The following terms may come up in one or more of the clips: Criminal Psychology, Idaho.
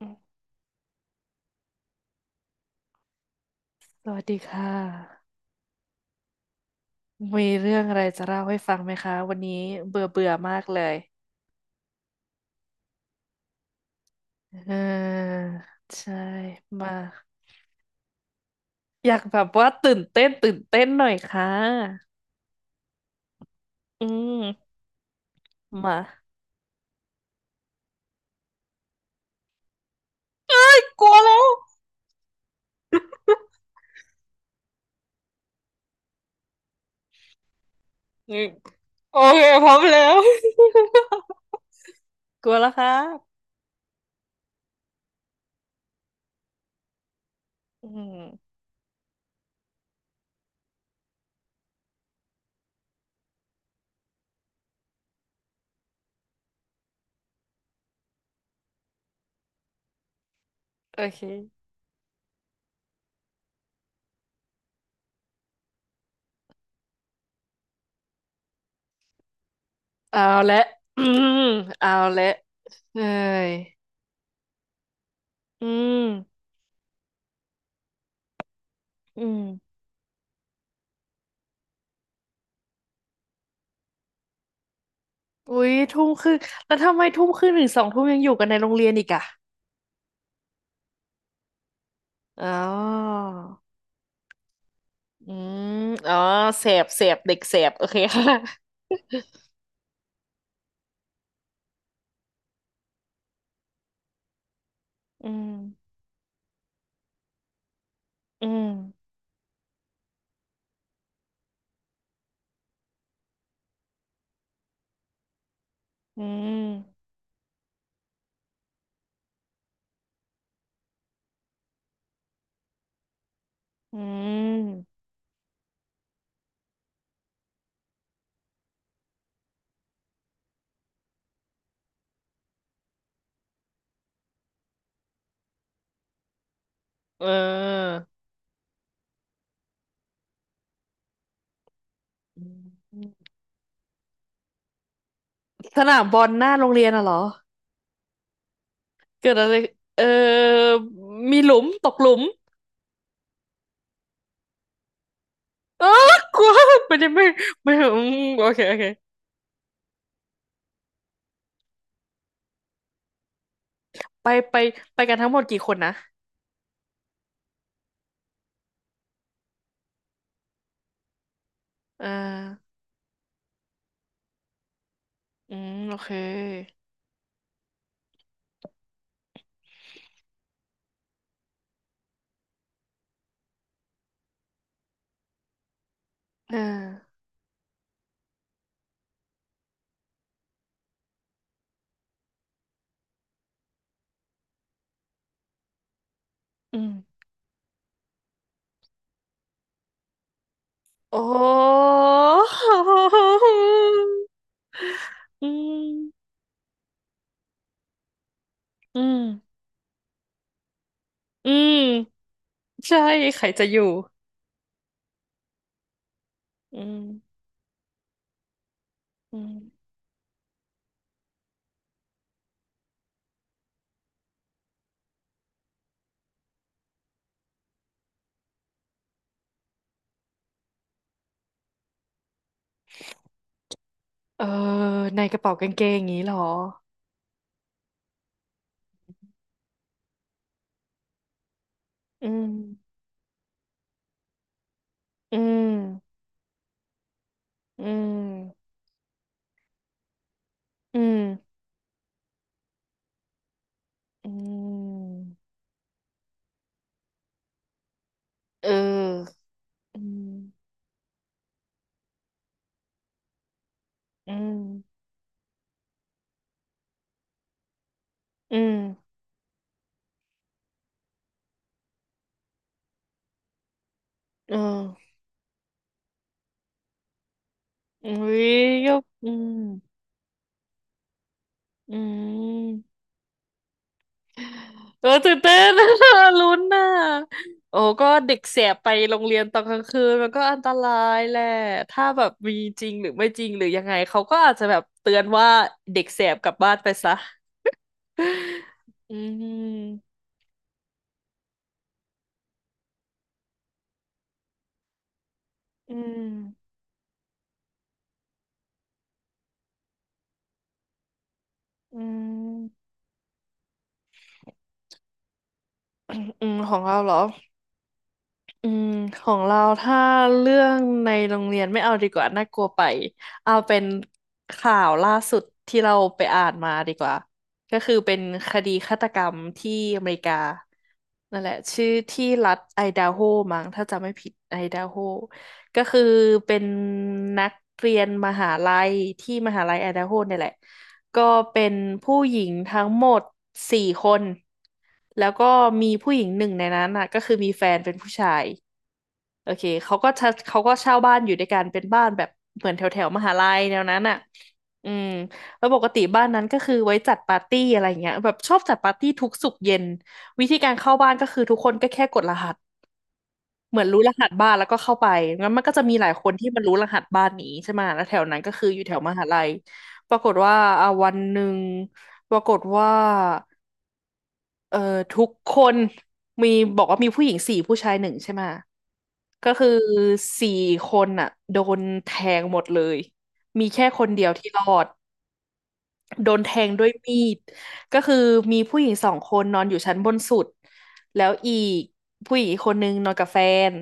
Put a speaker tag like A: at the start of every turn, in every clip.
A: อืมสวัสดีค่ะมีเรื่องอะไรจะเล่าให้ฟังไหมคะวันนี้เบื่อเบื่อมากเลยเออใช่มาอยากแบบว่าตื่นเต้นตื่นเต้นหน่อยค่ะอืมมากลัวแล้วอืมโอเคพร้อมแล้ว กลัวแล้วครับอืมโอเคเอาละ อืมเอาละเอ้ยอืมอืมอุ๊ยทุ่มครึ่งแล้วทำไมทุ่มครึ่งถึงสองทุ่มยังอยู่กันในโรงเรียนอีกอะ อ๋ออืมอ๋อเด็กเสบโอเค ค่ะอืมอืมอืมอืมเอออืมสนามบอลหน้าโรงเรียนอะเหรอเกิดอะไรเออมีหลุมตกหลุมเออกลัวไม่ได้ไม่ไม่อืมโอเคโอเคไปไปไปกันทั้งหมดกี่คนนะเอออืมโอเคเอออืมโอ้ อืม อืมอืมใช่ใครจะอยู่อืมอืมเออในกระเป๋ากางเกงอย่างนี้เหรออืมอืมอืมอืมอืมเอออืมอืมอืมเอออุ้ยก็อืมอืม เออตื่นเต้น ลุ้นน่ะโอ้ก็เด็กแสบไปโรงเรียนตอนกลางคืนมันก็อันตรายแหละถ้าแบบมีจริงหรือไม่จริงหรือยังไงเขาก็อาจจะแบบเตือนว่าเด็กแสบกลับบ้านไปซะอืมอืมอืม อืม ของเราเหรอ อืมของเราถ้าเรื่องในโรงเรียนไม่เอาดีกว่าน่ากลัวไปเอาเป็นข่าวล่าสุดที่เราไปอ่านมาดีกว่าก็คือเป็นคดีฆาตกรรมที่อเมริกานั่นแหละชื่อที่รัฐไอดาโฮมั้งถ้าจำไม่ผิดไอดาโฮก็คือเป็นนักเรียนมหาลัยที่มหาลัยไอดาโฮเนี่ยแหละ ก็เป็นผู้หญิงทั้งหมดสี่คนแล้วก็มีผู้หญิงหนึ่งในนั้นอ่ะก็คือมีแฟนเป็นผู้ชายโอเคเขาก็เช่าบ้านอยู่ด้วยกันเป็นบ้านแบบเหมือนแถวแถวมหาลัยแนวนั้นอ่ะอืมแล้วปกติบ้านนั้นก็คือไว้จัดปาร์ตี้อะไรเงี้ยแบบชอบจัดปาร์ตี้ทุกศุกร์เย็นวิธีการเข้าบ้านก็คือทุกคนก็แค่กดรหัส เหมือนรู้รหัสบ้านแล้วก็เข้าไปงั้นมันก็จะมีหลายคนที่มันรู้รหัสบ้านนี้ใช่ไหมแล้วแถวนั้นก็คืออยู่แถวมหาลัยปรากฏว่าอ่าวันหนึ่งปรากฏว่าเอ่อทุกคนมีบอกว่ามีผู้หญิงสี่ผู้ชายหนึ่งใช่ไหมก็คือสี่คนอ่ะโดนแทงหมดเลยมีแค่คนเดียวที่รอดโดนแทงด้วยมีดก็คือมีผู้หญิงสองคนนอนอยู่ชั้นบนสุดแล้วอีกผู้หญิงอีกคนนึงนอนกับแฟน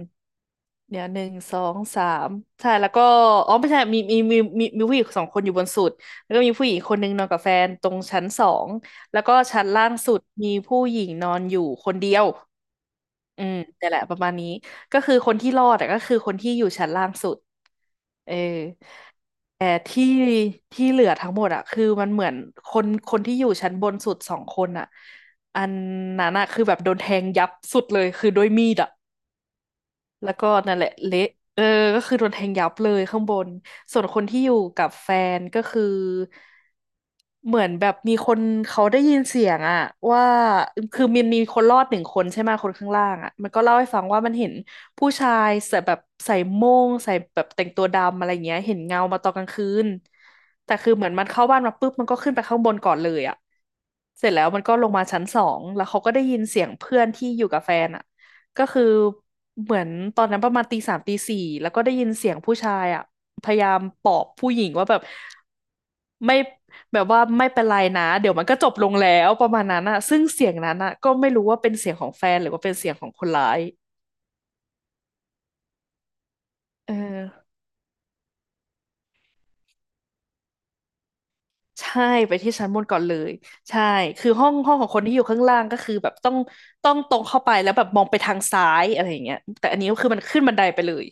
A: เดี๋ยวหนึ่งสองสามใช่แล้วก็อ๋อไม่ใช่มีผู้หญิงสองคนอยู่บนสุดแล้วก็มีผู้หญิงคนหนึ่งนอนกับแฟนตรงชั้นสองแล้วก็ชั้นล่างสุดมีผู้หญิงนอนอยู่คนเดียวอืมแต่แหละประมาณนี้ก็คือคนที่รอดแต่ก็คือคนที่อยู่ชั้นล่างสุดเออแต่ที่เหลือทั้งหมดอะคือมันเหมือนคนคนที่อยู่ชั้นบนสุดสองคนอะอันนั้นอะคือแบบโดนแทงยับสุดเลยคือด้วยมีดอะ แล้วก็นั่นแหละเละเออก็คือโดนแทงยับเลยข้างบนส่วนคนที่อยู่กับแฟนก็คือเหมือนแบบมีคนเขาได้ยินเสียงอะว่าคือมีคนรอดหนึ่งคนใช่ไหมคนข้างล่างอะมันก็เล่าให้ฟังว่ามันเห็นผู้ชายใส่แบบใส่โม่งใส่แบบแต่งตัวดำอะไรเงี้ยเห็นเงามาตอนกลางคืนแต่คือเหมือนมันเข้าบ้านมาปุ๊บมันก็ขึ้นไปข้างบนก่อนเลยอะเสร็จแล้วมันก็ลงมาชั้นสองแล้วเขาก็ได้ยินเสียงเพื่อนที่อยู่กับแฟนอะ ก็คือเหมือนตอนนั้นประมาณตีสามตีสี่แล้วก็ได้ยินเสียงผู้ชายอ่ะพยายามปลอบผู้หญิงว่าแบบไม่แบบว่าไม่เป็นไรนะเดี๋ยวมันก็จบลงแล้วประมาณนั้นอ่ะซึ่งเสียงนั้นอ่ะก็ไม่รู้ว่าเป็นเสียงของแฟนหรือว่าเป็นเสียงของคนร้ายเออใช่ไปที่ชั้นบนก่อนเลยใช่คือห้องของคนที่อยู่ข้างล่างก็คือแบบต้องตรงเข้าไปแล้วแบบมองไปทางซ้ายอะไรอย่างเงี้ยแต่อันนี้ก็คือมันขึ้นบันไดไปเลย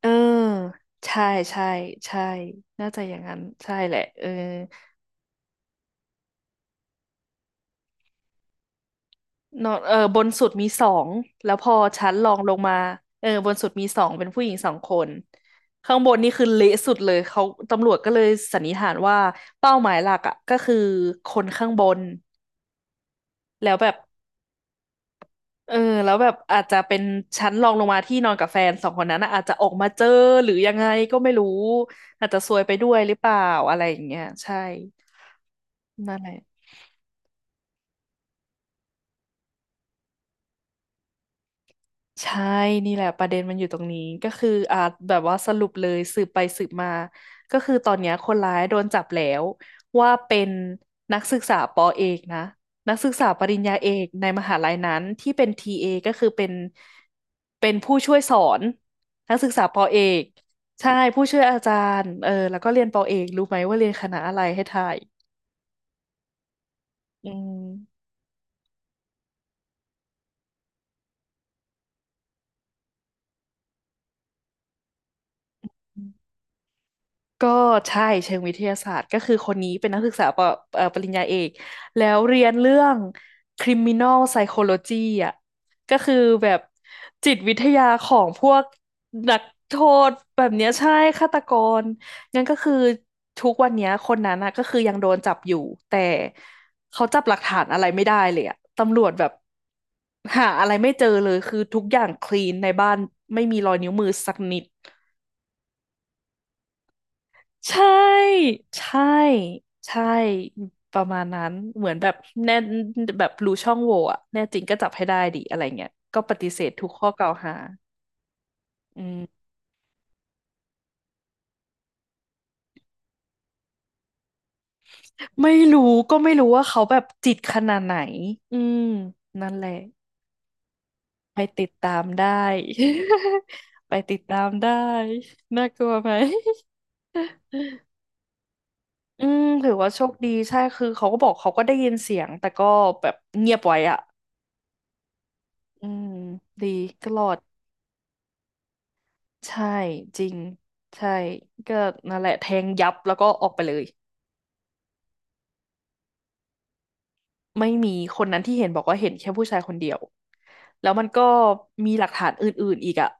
A: เออใช่ใช่ใช่น่าจะอย่างนั้นใช่แหละเออนอนเออบนสุดมีสองแล้วพอชั้นรองลงมาเออบนสุดมีสองเป็นผู้หญิงสองคนข้างบนนี่คือเละสุดเลยเขาตำรวจก็เลยสันนิษฐานว่าเป้าหมายหลักอ่ะก็คือคนข้างบนแล้วแบบเออแล้วแบบอาจจะเป็นชั้นรองลงมาที่นอนกับแฟนสองคนนั้นนะอาจจะออกมาเจอหรือยังไงก็ไม่รู้อาจจะซวยไปด้วยหรือเปล่าอะไรอย่างเงี้ยใช่นั่นแหละ ใช่นี่แหละประเด็นมันอยู่ตรงนี้ก็คือแบบว่าสรุปเลยสืบไปสืบมาก็คือตอนเนี้ยคนร้ายโดนจับแล้วว่าเป็นนักศึกษาปอเอกนะนักศึกษาปริญญาเอกในมหาลัยนั้นที่เป็นทีเอก็คือเป็นผู้ช่วยสอนนักศึกษาปอเอกใช่ผู้ช่วยอาจารย์เออแล้วก็เรียนปอเอกรู้ไหมว่าเรียนคณะอะไรให้ทายอืม ก็ใช่เชิงวิทยาศาสตร์ก็คือคนนี้เป็นนักศึกษาปปริญญาเอกแล้วเรียนเรื่อง Criminal Psychology อ่ะก็คือแบบจิตวิทยาของพวกนักโทษแบบเนี้ยใช่ฆาตกรงั้นก็คือทุกวันเนี้ยคนนั้นนะก็คือยังโดนจับอยู่แต่เขาจับหลักฐานอะไรไม่ได้เลยอะตำรวจแบบหาอะไรไม่เจอเลยคือทุกอย่างคลีนในบ้านไม่มีรอยนิ้วมือสักนิด ใช่ใช่ใช่ประมาณนั้นเหมือนแบบแน่แบบรู้ช่องโหว่อะแน่จริงก็จับให้ได้ดิอะไรเงี้ยก็ปฏิเสธทุกข้อกล่าวหาอืมไม่รู้ก็ไม่รู้ว่าเขาแบบจิตขนาดไหนอืมนั่นแหละไปติดตามได้ ไปติดตามได้น่ากลัวไหมอืมถือว่าโชคดีใช่คือเขาก็บอกเขาก็ได้ยินเสียงแต่ก็แบบเงียบไว้อะอืมดีก็รอด ใช่จริงใช่ก็นั่นแหละแทงยับแล้วก็ออกไปเลยไม่มีคนนั้นที่เห็นบอกว่าเห็นแค่ผู้ชายคนเดียวแล้วมันก็มีหลักฐานอื่นๆอีกอะ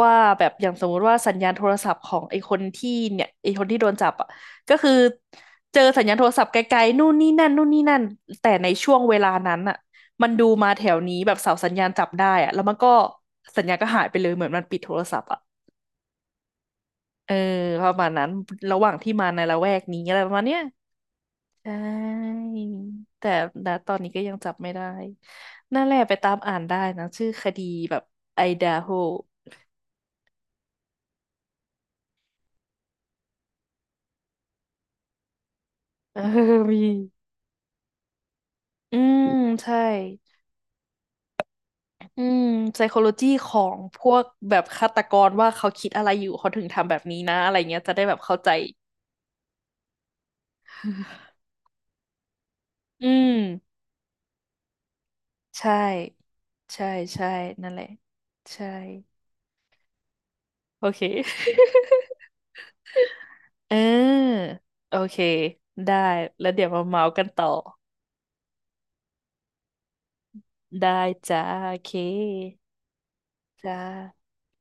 A: ว่าแบบอย่างสมมุติว่าสัญญาณโทรศัพท์ของไอ้คนที่เนี่ยไอ้คนที่โดนจับอะก็คือเจอสัญญาณโทรศัพท์ไกลๆนู่นนี่นั่นแต่ในช่วงเวลานั้นอะมันดูมาแถวนี้แบบเสาสัญญาณจับได้อะแล้วมันก็สัญญาณก็หายไปเลยเหมือนมันปิดโทรศัพท์อะ เออประมาณนั้นระหว่างที่มาในละแวกนี้อะไรประมาณเนี้ยใช่แต่ณตอนนี้ก็ยังจับไม่ได้นั่นแหละไปตามอ่านได้นะชื่อคดีแบบไอดาโฮเออ มีอืมใช่อืม p s โค h o จีของพวกแบบฆาตกรว่าเขาคิดอะไรอยู่เขาถึงทำแบบนี้นะอะไรเงี้ยจะได้แบบเข้าใจ อืมใช่ใช่ใช่นั่นแหละใช่โอเค เออโอเคได้แล้วเดี๋ยวมาเมาส์กันต่อได้จ้าโอเคจ้า